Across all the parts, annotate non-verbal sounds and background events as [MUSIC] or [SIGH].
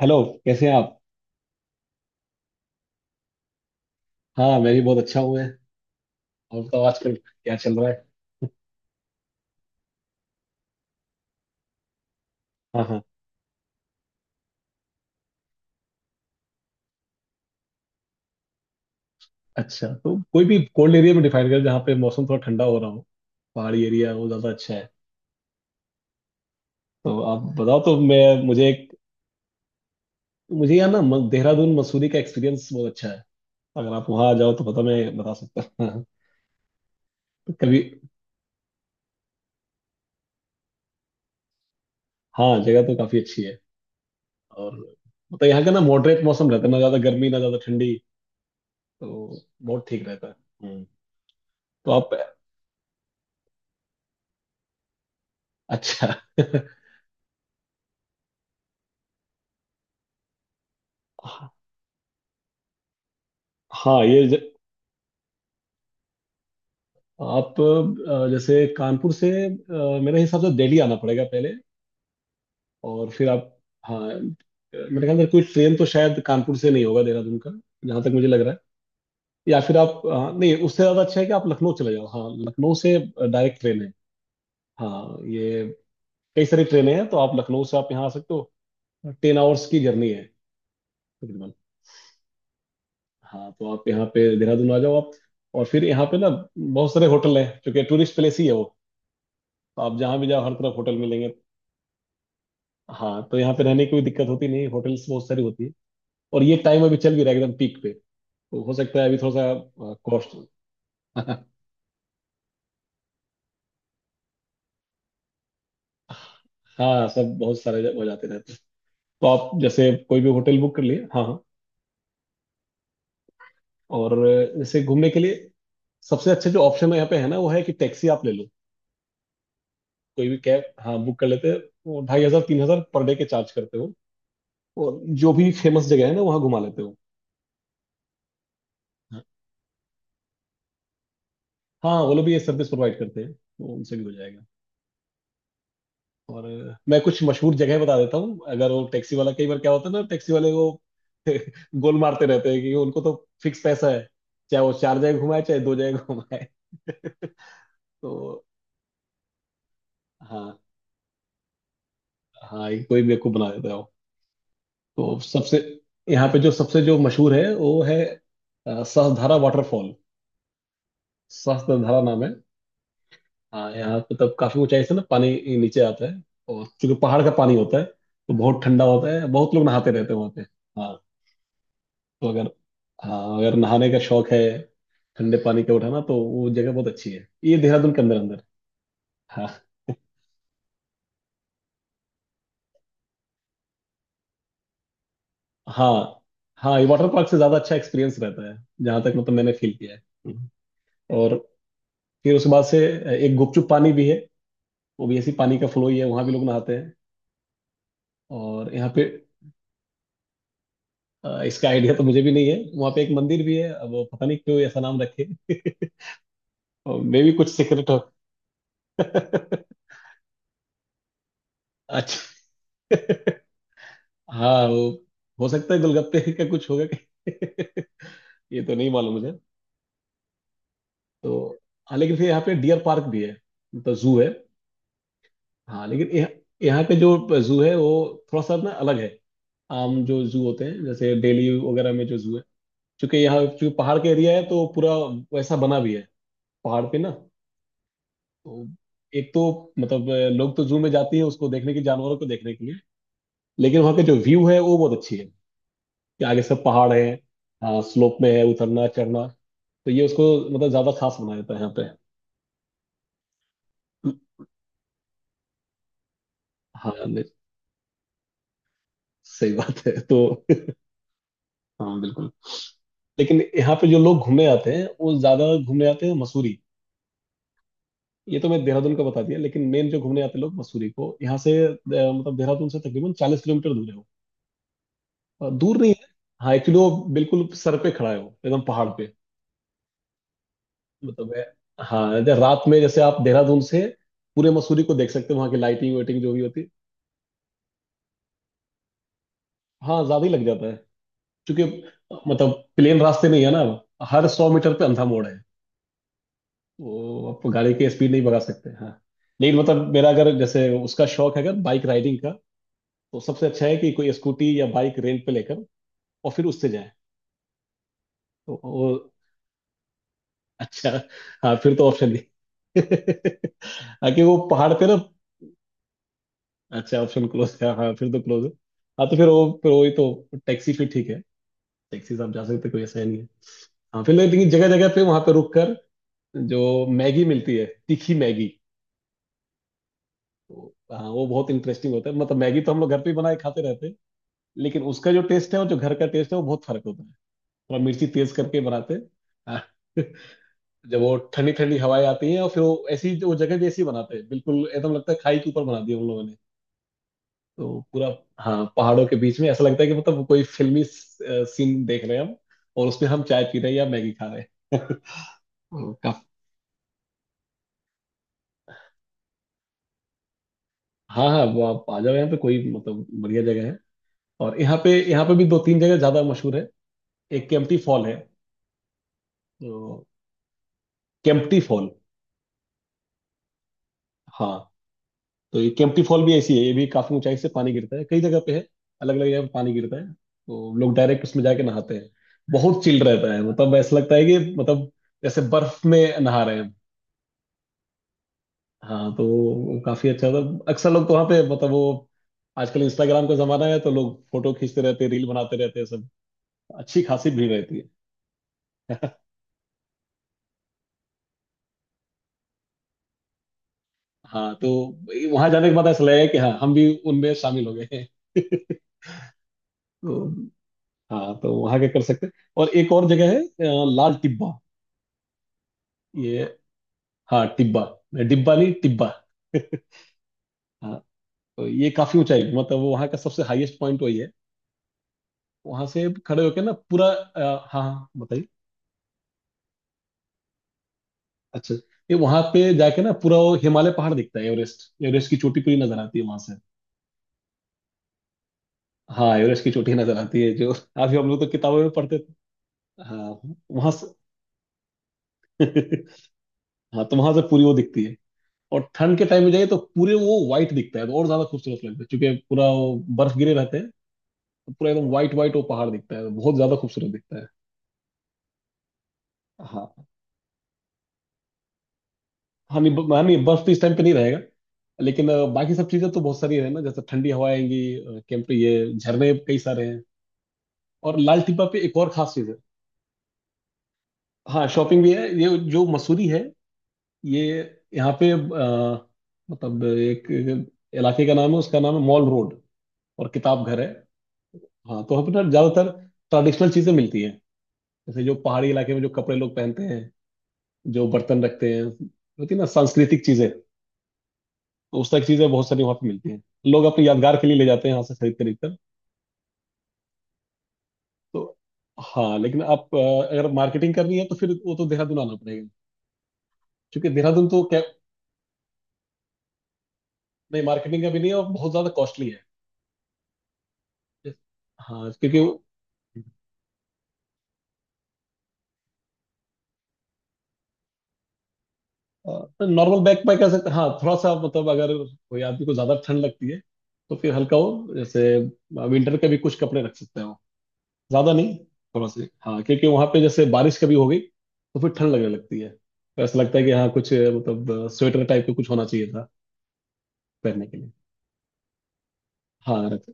Hello. कैसे हैं आप? हाँ, मैं भी बहुत अच्छा हूँ। मैं और बताओ, आजकल क्या चल रहा है? हाँ, हाँ। अच्छा, तो कोई भी कोल्ड एरिया में डिफाइन करें जहाँ पे मौसम थोड़ा ठंडा हो रहा हो। पहाड़ी एरिया वो ज़्यादा अच्छा है। तो आप बताओ तो मैं... मुझे एक मुझे यहाँ ना देहरादून मसूरी का एक्सपीरियंस बहुत अच्छा है। अगर आप वहाँ आ जाओ तो पता मैं बता सकता हूँ, हाँ। तो कभी... हाँ, जगह तो काफ़ी अच्छी है। और मतलब यहाँ का ना मॉडरेट मौसम रहता है, ना ज़्यादा गर्मी ना ज़्यादा ठंडी, तो बहुत ठीक रहता है। हम्म। तो आप... अच्छा। [LAUGHS] हाँ ये आप जैसे कानपुर से मेरे हिसाब से दिल्ली आना पड़ेगा पहले, और फिर आप... हाँ मेरे ख्याल से कोई ट्रेन तो शायद कानपुर से नहीं होगा देहरादून का, जहाँ तक मुझे लग रहा है। या फिर आप... हाँ, नहीं, उससे ज़्यादा अच्छा है कि आप लखनऊ चले जाओ। हाँ, लखनऊ से डायरेक्ट ट्रेन है। हाँ ये, कई सारी ट्रेनें हैं, तो आप लखनऊ से आप यहाँ आ सकते हो। 10 आवर्स की जर्नी है तकरीबन। हाँ तो आप यहाँ पे देहरादून आ जाओ आप, और फिर यहाँ पे ना बहुत सारे होटल हैं, क्योंकि टूरिस्ट प्लेस ही है वो। तो आप जहाँ भी जाओ हर तरफ होटल मिलेंगे। हाँ, तो यहाँ पे रहने की कोई दिक्कत होती नहीं, होटल्स बहुत सारी होती है। और ये टाइम अभी चल भी रहा है एकदम पीक पे, तो हो सकता है अभी थोड़ा सा कॉस्ट... [LAUGHS] हाँ सब बहुत सारे जगह हो जाते रहते हैं। तो आप जैसे कोई भी होटल बुक कर लिए, हाँ, हाँ। और जैसे घूमने के लिए सबसे अच्छे जो ऑप्शन है यहाँ पे है ना, वो है कि टैक्सी आप ले लो, कोई भी कैब, हाँ, बुक कर लेते हैं। वो 2,500 3,000 पर डे के चार्ज करते हो। और जो भी फेमस जगह है ना वहाँ घुमा लेते हो। हाँ, वो लोग भी ये सर्विस प्रोवाइड करते हैं तो उनसे भी हो जाएगा। और मैं कुछ मशहूर जगह बता देता हूँ, अगर वो टैक्सी वाला... कई बार क्या होता है ना, टैक्सी वाले वो [LAUGHS] गोल मारते रहते हैं, कि उनको तो फिक्स पैसा है, चाहे वो चार जगह घुमाए चाहे दो जगह घुमाए। [LAUGHS] तो हाँ, हाँ ये कोई बेवकूफ बना देता है वो। तो सबसे... यहाँ पे जो सबसे जो मशहूर है वो है सहस्त्रधारा वाटरफॉल। सहस्त्रधारा नाम है। हाँ, यहाँ पे तब काफी ऊंचाई से ना पानी नीचे आता है। और चूंकि पहाड़ का पानी होता है तो बहुत ठंडा होता है, बहुत लोग नहाते रहते हैं वहाँ पे। हाँ। तो अगर... हाँ, अगर नहाने का शौक है, ठंडे पानी का उठाना, तो वो जगह बहुत अच्छी है। ये देहरादून के अंदर अंदर। हाँ। हाँ, हाँ ये वाटर पार्क से ज्यादा अच्छा एक्सपीरियंस रहता है, जहां तक मतलब मैंने फील किया है। हम्म। और फिर उसके बाद से एक गुपचुप पानी भी है। वो भी ऐसी पानी का फ्लो ही है, वहां भी लोग नहाते हैं। और यहाँ पे... इसका आइडिया तो मुझे भी नहीं है। वहां पे एक मंदिर भी है, अब वो पता नहीं क्यों ऐसा नाम रखे। [LAUGHS] और मे भी कुछ सीक्रेट हो। [LAUGHS] अच्छा। [LAUGHS] हाँ वो, हो सकता है गोलगप्पे का कुछ होगा कि [LAUGHS] ये तो नहीं मालूम मुझे। तो हाँ, लेकिन फिर यहाँ पे डियर पार्क भी है, मतलब जू है। हाँ लेकिन यह, यहाँ पे जो जू है वो थोड़ा सा ना अलग है। आम जो जू होते हैं जैसे दिल्ली वगैरह में जो जू है, क्योंकि यहाँ चूंकि पहाड़ का एरिया है तो पूरा वैसा बना भी है, पहाड़ पे ना। तो एक तो मतलब लोग तो जू में जाते हैं उसको देखने के लिए, जानवरों को देखने के लिए, लेकिन वहाँ के जो व्यू है वो बहुत अच्छी है, कि आगे सब पहाड़ है। हाँ, स्लोप में है, उतरना चढ़ना। तो ये उसको मतलब ज्यादा खास बना देता है यहाँ पे। हाँ सही बात है तो [LAUGHS] हाँ बिल्कुल। लेकिन यहाँ पे जो लोग घूमने आते हैं वो ज्यादा घूमने आते हैं मसूरी। ये तो मैं देहरादून का बता दिया, लेकिन मेन जो घूमने आते हैं लोग मसूरी को। यहाँ से मतलब देहरादून से तकरीबन 40 किलोमीटर दूर है वो। दूर नहीं है। हाँ एक्चुअली वो बिल्कुल सर पे खड़ा है, वो एकदम पहाड़ पे। मतलब है, हाँ, जैसे रात में जैसे आप देहरादून से पूरे मसूरी को देख सकते हो, वहाँ की लाइटिंग वाइटिंग जो भी होती है। हाँ, ज्यादा ही लग जाता है क्योंकि मतलब प्लेन रास्ते नहीं है ना, हर 100 मीटर पे अंधा मोड़ है। वो आप गाड़ी की स्पीड नहीं बढ़ा सकते, हाँ। लेकिन मतलब मेरा अगर जैसे उसका शौक है अगर बाइक राइडिंग का, तो सबसे अच्छा है कि कोई स्कूटी या बाइक रेंट पे लेकर और फिर उससे जाए। तो वो... अच्छा। हाँ फिर तो ऑप्शन नहीं। [LAUGHS] आगे वो पहाड़ पे ना। अच्छा ऑप्शन क्लोज है, हाँ फिर तो क्लोज है। हाँ तो फिर वो फिर वही तो टैक्सी फिर ठीक है, टैक्सी से आप जा सकते, कोई ऐसा है नहीं है। हाँ फिर लेकिन जगह जगह पे वहां पे रुक कर जो मैगी मिलती है, तीखी मैगी, तो हाँ वो बहुत इंटरेस्टिंग होता है। मतलब मैगी तो हम लोग घर पे ही बनाए खाते रहते हैं, लेकिन उसका जो टेस्ट है और जो घर का टेस्ट है वो बहुत फर्क होता है, थोड़ा मिर्ची तेज करके बनाते हैं। [LAUGHS] हाँ। जब वो ठंडी ठंडी हवाएं आती हैं और फिर वो ऐसी वो जगह भी ऐसी बनाते हैं, बिल्कुल एकदम लगता है खाई के ऊपर बना दिया उन लोगों ने। तो पूरा... हाँ पहाड़ों के बीच में ऐसा लगता है कि मतलब कोई फिल्मी सीन देख रहे हैं हम, और उसमें हम चाय पी रहे हैं या मैगी खा रहे हैं। [LAUGHS] तो हाँ, हाँ वो आप आ जाओ यहाँ पे, कोई मतलब बढ़िया जगह है। और यहाँ पे भी दो तीन जगह ज्यादा मशहूर है। एक केम्प्टी फॉल है तो... केम्प्टी फॉल। हाँ तो ये केम्प्टी फॉल भी ऐसी है, ये भी काफी ऊंचाई से पानी गिरता है, कई जगह पे है, अलग अलग जगह पे पानी गिरता है, तो लोग डायरेक्ट उसमें जाके नहाते हैं। बहुत चिल्ड रहता है, मतलब ऐसा लगता है कि मतलब जैसे बर्फ में नहा रहे हैं। हाँ, तो वो काफी अच्छा था। अक्सर लोग तो वहाँ पे मतलब वो आजकल इंस्टाग्राम का जमाना है, तो लोग फोटो खींचते रहते हैं रील बनाते रहते हैं सब, अच्छी खासी भीड़ रहती है। [LAUGHS] हाँ तो वहां जाने के बाद ऐसा लगेगा कि हाँ हम भी उनमें शामिल हो गए हैं। [LAUGHS] तो हाँ तो वहां क्या कर सकते हैं। और एक और जगह है लाल टिब्बा। ये... हाँ टिब्बा, डिब्बा नहीं टिब्बा। [LAUGHS] हाँ तो ये काफी ऊंचाई, मतलब वो वहाँ का सबसे हाईएस्ट पॉइंट वही है। वहां से खड़े होके ना पूरा हाँ हाँ, बताइए। अच्छा, ये वहां पे जाके ना पूरा वो हिमालय पहाड़ दिखता है, एवरेस्ट एवरेस्ट की चोटी पूरी नजर आती है वहां से। हाँ एवरेस्ट की चोटी नजर आती है, जो अभी हम लोग तो किताबों में पढ़ते थे। हाँ वहां से [LAUGHS] हाँ तो वहां से पूरी वो दिखती है। और ठंड के टाइम में जाइए तो पूरे वो व्हाइट दिखता है, तो और ज्यादा खूबसूरत लगता है क्योंकि पूरा वो बर्फ गिरे रहते हैं। तो पूरा एकदम व्हाइट व्हाइट वो पहाड़ दिखता है, बहुत ज्यादा खूबसूरत दिखता है। हाँ। हाँ नहीं हाँ, नहीं बर्फ तो इस टाइम पे नहीं रहेगा। लेकिन बाकी सब चीजें तो बहुत सारी है ना, जैसे ठंडी हवाएं आएंगी, कैंप पे ये झरने कई सारे हैं। और लाल टिब्बा पे एक और खास चीज है। हाँ शॉपिंग भी है। ये जो मसूरी है, ये यहाँ पे मतलब एक इलाके का नाम है, उसका नाम है मॉल रोड, और किताब घर है। हाँ तो वहाँ पे ना ज्यादातर ट्रेडिशनल चीजें मिलती हैं, जैसे जो पहाड़ी इलाके में जो कपड़े लोग पहनते हैं, जो बर्तन रखते हैं, होती है ना सांस्कृतिक चीजें, तो उस तरह की चीज़ें बहुत सारी वहाँ पे मिलती हैं। लोग अपने यादगार के लिए ले जाते हैं यहाँ से खरीद खरीद कर। तो हाँ लेकिन आप अगर मार्केटिंग करनी है तो फिर वो तो देहरादून आना पड़ेगा, क्योंकि देहरादून तो क्या... नहीं मार्केटिंग का भी नहीं है, और बहुत ज़्यादा कॉस्टली है। Yes. हाँ क्योंकि... नॉर्मल बैग पैक ऐसे, हाँ थोड़ा सा मतलब अगर कोई आदमी को ज्यादा ठंड लगती है तो फिर हल्का हो, जैसे विंटर के भी कुछ कपड़े रख सकते हैं, ज्यादा नहीं, थोड़ा से, हाँ क्योंकि वहां पे जैसे बारिश कभी हो गई तो फिर ठंड लगने लगती है, तो ऐसा लगता है कि हाँ कुछ मतलब स्वेटर टाइप का कुछ होना चाहिए था पहनने के लिए। हाँ रहते,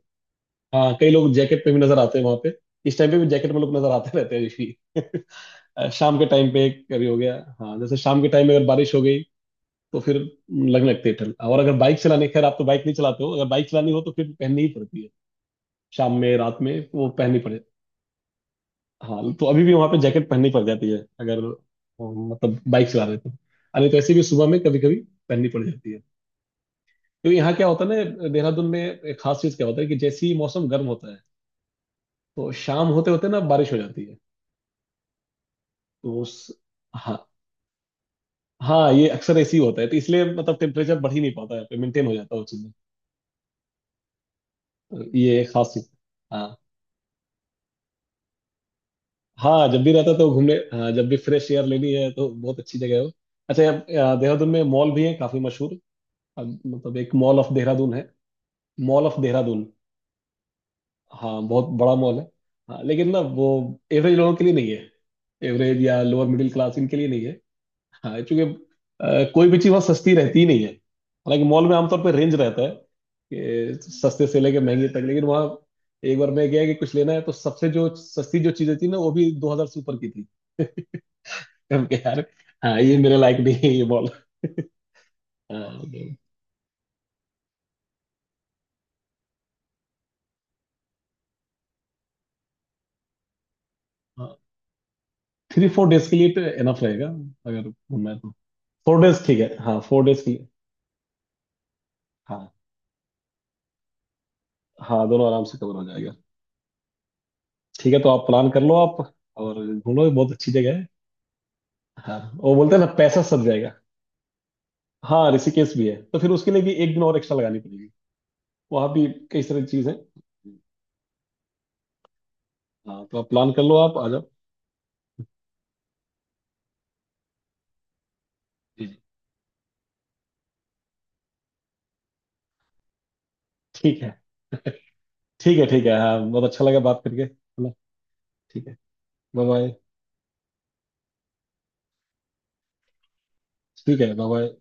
हाँ कई लोग जैकेट पे भी नजर आते हैं वहां पे, इस टाइम पे भी जैकेट में लोग नजर आते रहते हैं यूजली। [LAUGHS] शाम के टाइम पे कभी हो गया, हाँ जैसे शाम के टाइम में अगर बारिश हो गई तो फिर लगने लगती है ठंड। और अगर बाइक चलाने... खैर आप तो बाइक नहीं चलाते हो, अगर बाइक चलानी हो तो फिर पहननी ही पड़ती है, शाम में रात में वो पहननी पड़े। हाँ तो अभी भी वहां पे जैकेट पहननी पड़ जाती है अगर मतलब बाइक चला रहे तो, अरे तो ऐसे भी सुबह में कभी कभी पहननी पड़ जाती है। तो यहाँ क्या होता है ना देहरादून में, एक खास चीज क्या होता है कि जैसे ही मौसम गर्म होता है, तो शाम होते होते ना बारिश हो जाती है। तो उस... हाँ, हाँ ये अक्सर ऐसे ही होता है, तो इसलिए मतलब टेम्परेचर बढ़ ही नहीं पाता है, मेंटेन हो जाता है वो चीज़ें। तो ये एक खास चीज। हाँ, हाँ जब भी रहता है तो घूमने, हाँ जब भी फ्रेश एयर लेनी है तो बहुत अच्छी जगह है वो। अच्छा, यहाँ देहरादून में मॉल भी है काफी मशहूर, अब मतलब एक मॉल ऑफ देहरादून है। Mall of Dehradun. हाँ बहुत बड़ा मॉल है। हाँ लेकिन ना वो एवरेज लोगों के लिए नहीं है, एवरेज या लोअर मिडिल क्लास इनके लिए नहीं है। हाँ क्योंकि कोई भी चीज़ वहाँ सस्ती रहती ही नहीं है, हालांकि मॉल में आमतौर पर रेंज रहता है, कि सस्ते से लेके महंगे तक, लेकिन वहाँ एक बार मैं गया कि कुछ लेना है तो सबसे जो सस्ती जो चीजें थी ना वो भी 2,000 से ऊपर की थी। [LAUGHS] हम कहे यार, हाँ ये मेरे लायक नहीं है ये मॉल। [LAUGHS] हाँ 3-4 डेज के लिए तो एनफ रहेगा, अगर घूमना है तो। फोर डेज ठीक है, हाँ 4 डेज के लिए। हाँ, हाँ दोनों आराम से कवर हो जाएगा। ठीक है तो आप प्लान कर लो आप, और घूमो, बहुत अच्छी जगह है। हाँ वो बोलते हैं ना पैसा सद जाएगा। हाँ ऋषिकेश भी है, तो फिर उसके लिए भी एक दिन और एक्स्ट्रा लगानी पड़ेगी, वहाँ भी कई सारी चीज़ है। हाँ तो आप प्लान कर लो आप आ जाओ। जी जी। ठीक है, ठीक है, ठीक है। हाँ बहुत अच्छा लगा बात करके, है ना? ठीक है, बाय बाय। ठीक है, बाय बाय।